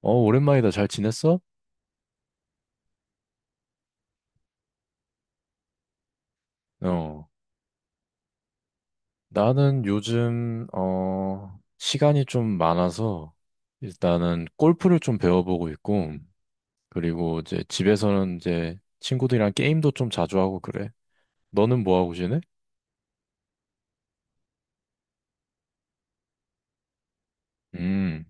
오랜만이다. 잘 지냈어? 어, 나는 요즘, 시간이 좀 많아서 일단은 골프를 좀 배워보고 있고, 그리고 이제 집에서는 이제 친구들이랑 게임도 좀 자주 하고 그래. 너는 뭐 하고 지내? 음,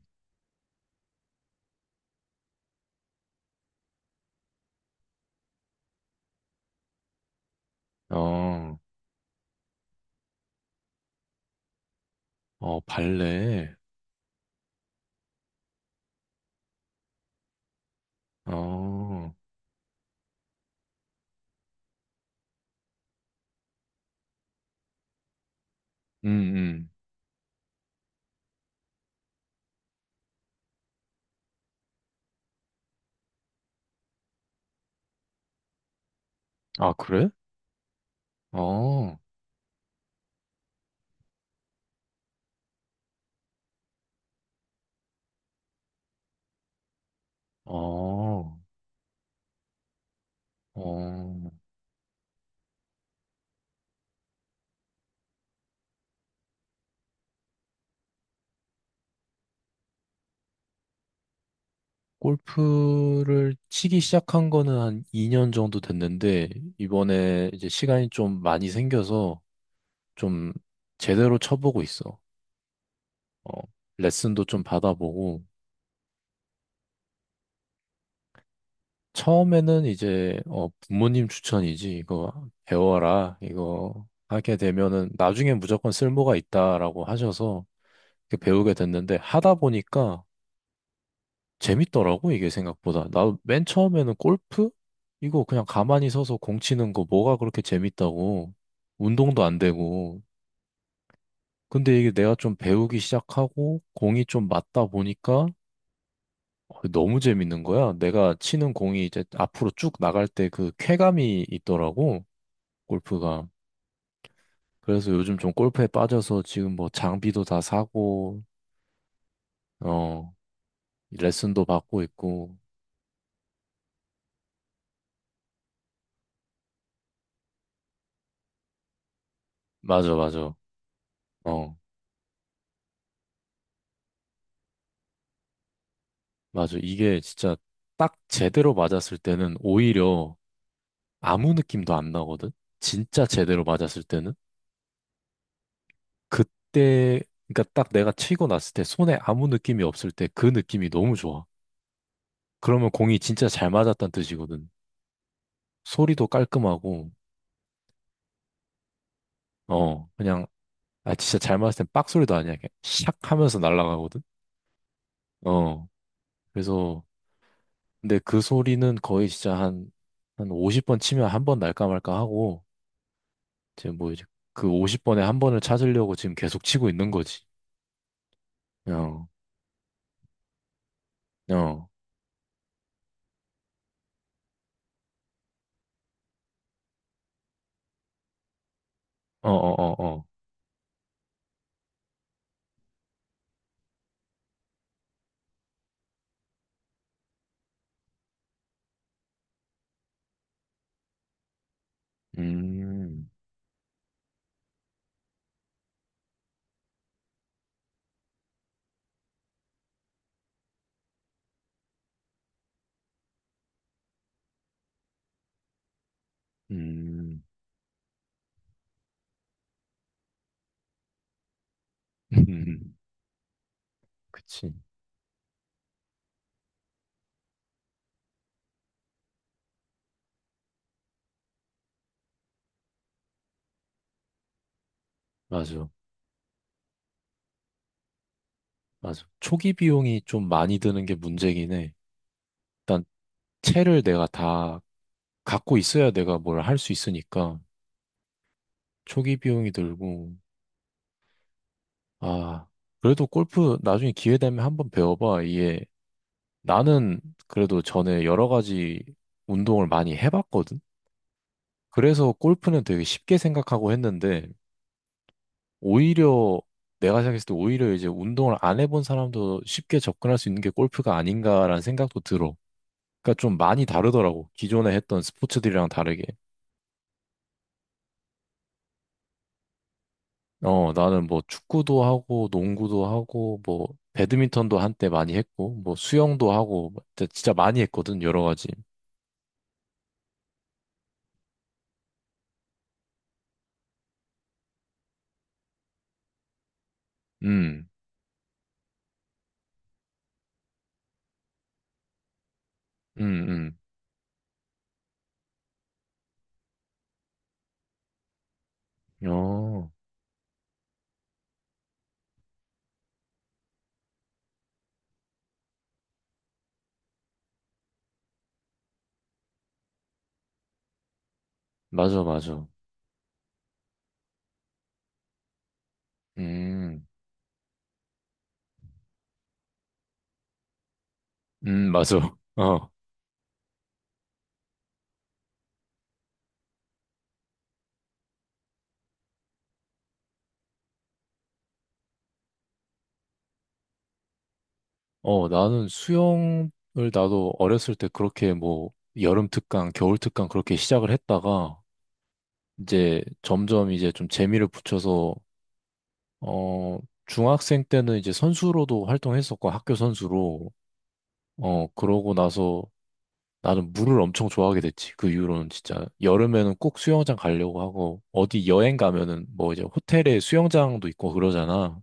어, 어, 발레. 어, 음, 음. 아, 그래? 어, 어, 어. 골프를 치기 시작한 거는 한 2년 정도 됐는데, 이번에 이제 시간이 좀 많이 생겨서 좀 제대로 쳐보고 있어. 어, 레슨도 좀 받아보고, 처음에는 이제, 부모님 추천이지. 이거 배워라. 이거 하게 되면은 나중에 무조건 쓸모가 있다라고 하셔서 이렇게 배우게 됐는데, 하다 보니까 재밌더라고, 이게 생각보다. 나 맨 처음에는 골프? 이거 그냥 가만히 서서 공 치는 거 뭐가 그렇게 재밌다고. 운동도 안 되고. 근데 이게 내가 좀 배우기 시작하고 공이 좀 맞다 보니까 너무 재밌는 거야. 내가 치는 공이 이제 앞으로 쭉 나갈 때 그 쾌감이 있더라고, 골프가. 그래서 요즘 좀 골프에 빠져서 지금 뭐 장비도 다 사고, 어, 레슨도 받고 있고. 맞아, 맞아. 어. 맞아. 이게 진짜 딱 제대로 맞았을 때는 오히려 아무 느낌도 안 나거든? 진짜 제대로 맞았을 때는? 그때, 그러니까 딱 내가 치고 났을 때 손에 아무 느낌이 없을 때 그 느낌이 너무 좋아. 그러면 공이 진짜 잘 맞았다는 뜻이거든. 소리도 깔끔하고, 어, 그냥, 아, 진짜 잘 맞았을 땐 빡 소리도 아니야. 그냥 샥 하면서 날아가거든? 어, 그래서, 근데 그 소리는 거의 진짜 한 50번 치면 한 번 날까 말까 하고, 지금 뭐 이제 그 50번에 한 번을 찾으려고 지금 계속 치고 있는 거지. 어, 어, 어, 어, 어, 어. 음, 음, 그치. 맞아, 맞아. 초기 비용이 좀 많이 드는 게 문제긴 해. 일단 채를 내가 다 갖고 있어야 내가 뭘 할 수 있으니까 초기 비용이 들고, 아, 그래도 골프 나중에 기회 되면 한번 배워봐. 이게 나는 그래도 전에 여러 가지 운동을 많이 해봤거든. 그래서 골프는 되게 쉽게 생각하고 했는데, 오히려 내가 생각했을 때 오히려 이제 운동을 안 해본 사람도 쉽게 접근할 수 있는 게 골프가 아닌가라는 생각도 들어. 그러니까 좀 많이 다르더라고. 기존에 했던 스포츠들이랑 다르게. 어, 나는 뭐 축구도 하고, 농구도 하고, 뭐, 배드민턴도 한때 많이 했고, 뭐, 수영도 하고, 뭐 진짜 진짜 많이 했거든, 여러 가지. 음, 음, 어, 맞아, 맞아. 음, 맞아. 어. 어, 나는 수영을 나도 어렸을 때 그렇게 뭐 여름 특강, 겨울 특강 그렇게 시작을 했다가 이제 점점 이제 좀 재미를 붙여서 어, 중학생 때는 이제 선수로도 활동했었고 학교 선수로 어, 그러고 나서 나는 물을 엄청 좋아하게 됐지. 그 이후로는 진짜 여름에는 꼭 수영장 가려고 하고 어디 여행 가면은 뭐 이제 호텔에 수영장도 있고 그러잖아.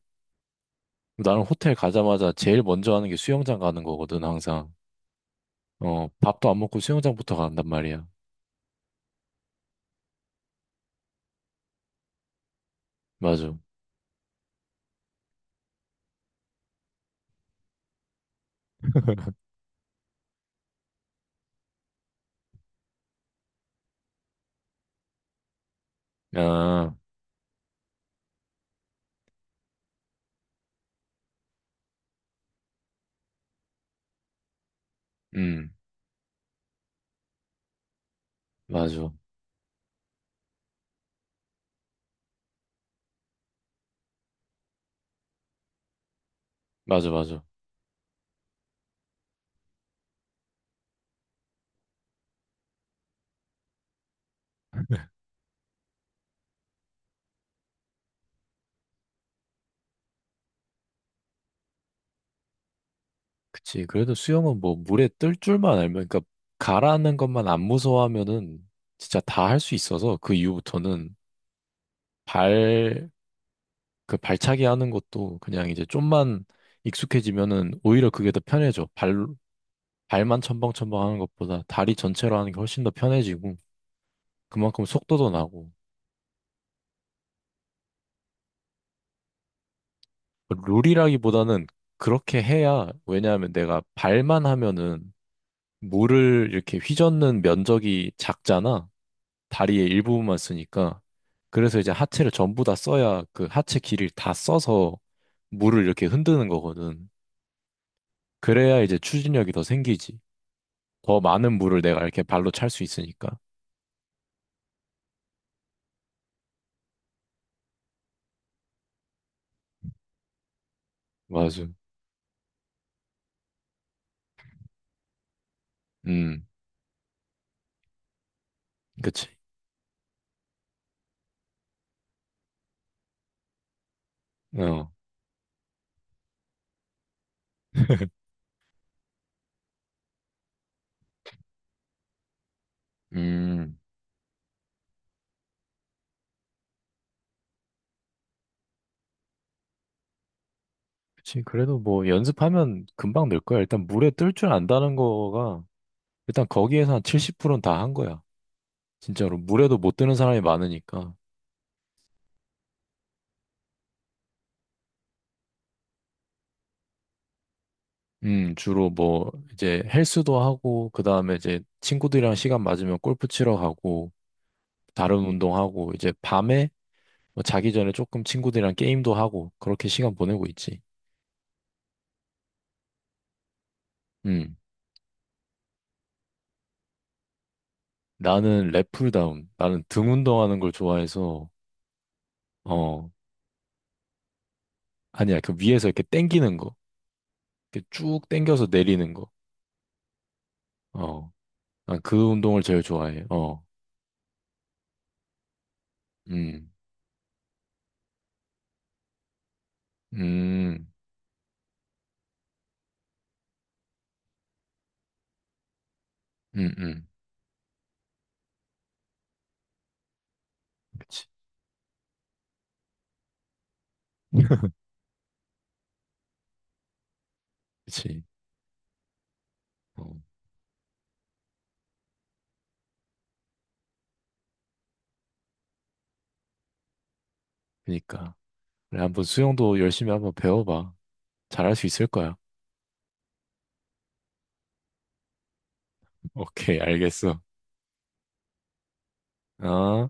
나는 호텔 가자마자 제일 먼저 하는 게 수영장 가는 거거든, 항상. 어, 밥도 안 먹고 수영장부터 간단 말이야. 맞아. 아, 음, 맞아. 맞아, 맞아. 그치. 그래도 수영은 뭐 물에 뜰 줄만 알면, 그러니까 가라앉는 것만 안 무서워하면은 진짜 다 할 수 있어서 그 이후부터는 발, 그 발차기 하는 것도 그냥 이제 좀만 익숙해지면은 오히려 그게 더 편해져. 발, 발만 첨벙첨벙 하는 것보다 다리 전체로 하는 게 훨씬 더 편해지고 그만큼 속도도 나고. 룰이라기보다는 그렇게 해야, 왜냐하면 내가 발만 하면은 물을 이렇게 휘젓는 면적이 작잖아. 다리의 일부분만 쓰니까. 그래서 이제 하체를 전부 다 써야 그 하체 길이를 다 써서 물을 이렇게 흔드는 거거든. 그래야 이제 추진력이 더 생기지. 더 많은 물을 내가 이렇게 발로 찰 수 있으니까. 맞아. 음, 그치. 어. 음, 그치. 그래도 뭐 연습하면 금방 늘 거야. 일단 물에 뜰 줄 안다는 거가 일단 거기에서 한 70%는 다 한 거야. 진짜로. 물에도 못 드는 사람이 많으니까. 주로 뭐, 이제 헬스도 하고, 그 다음에 이제 친구들이랑 시간 맞으면 골프 치러 가고, 다른 운동하고, 이제 밤에 뭐 자기 전에 조금 친구들이랑 게임도 하고, 그렇게 시간 보내고 있지. 음, 나는 랩풀다운. 나는 등 운동하는 걸 좋아해서, 어, 아니야. 그 위에서 이렇게 당기는 거. 이렇게 쭉 당겨서 내리는 거. 어, 난 그 운동을 제일 좋아해. 어, 음, 음. 응응 그치, 그치. 어, 그니까. 그래, 한번 수영도 열심히 한번 배워봐. 잘할 수 있을 거야. 오케이, 알겠어. 어?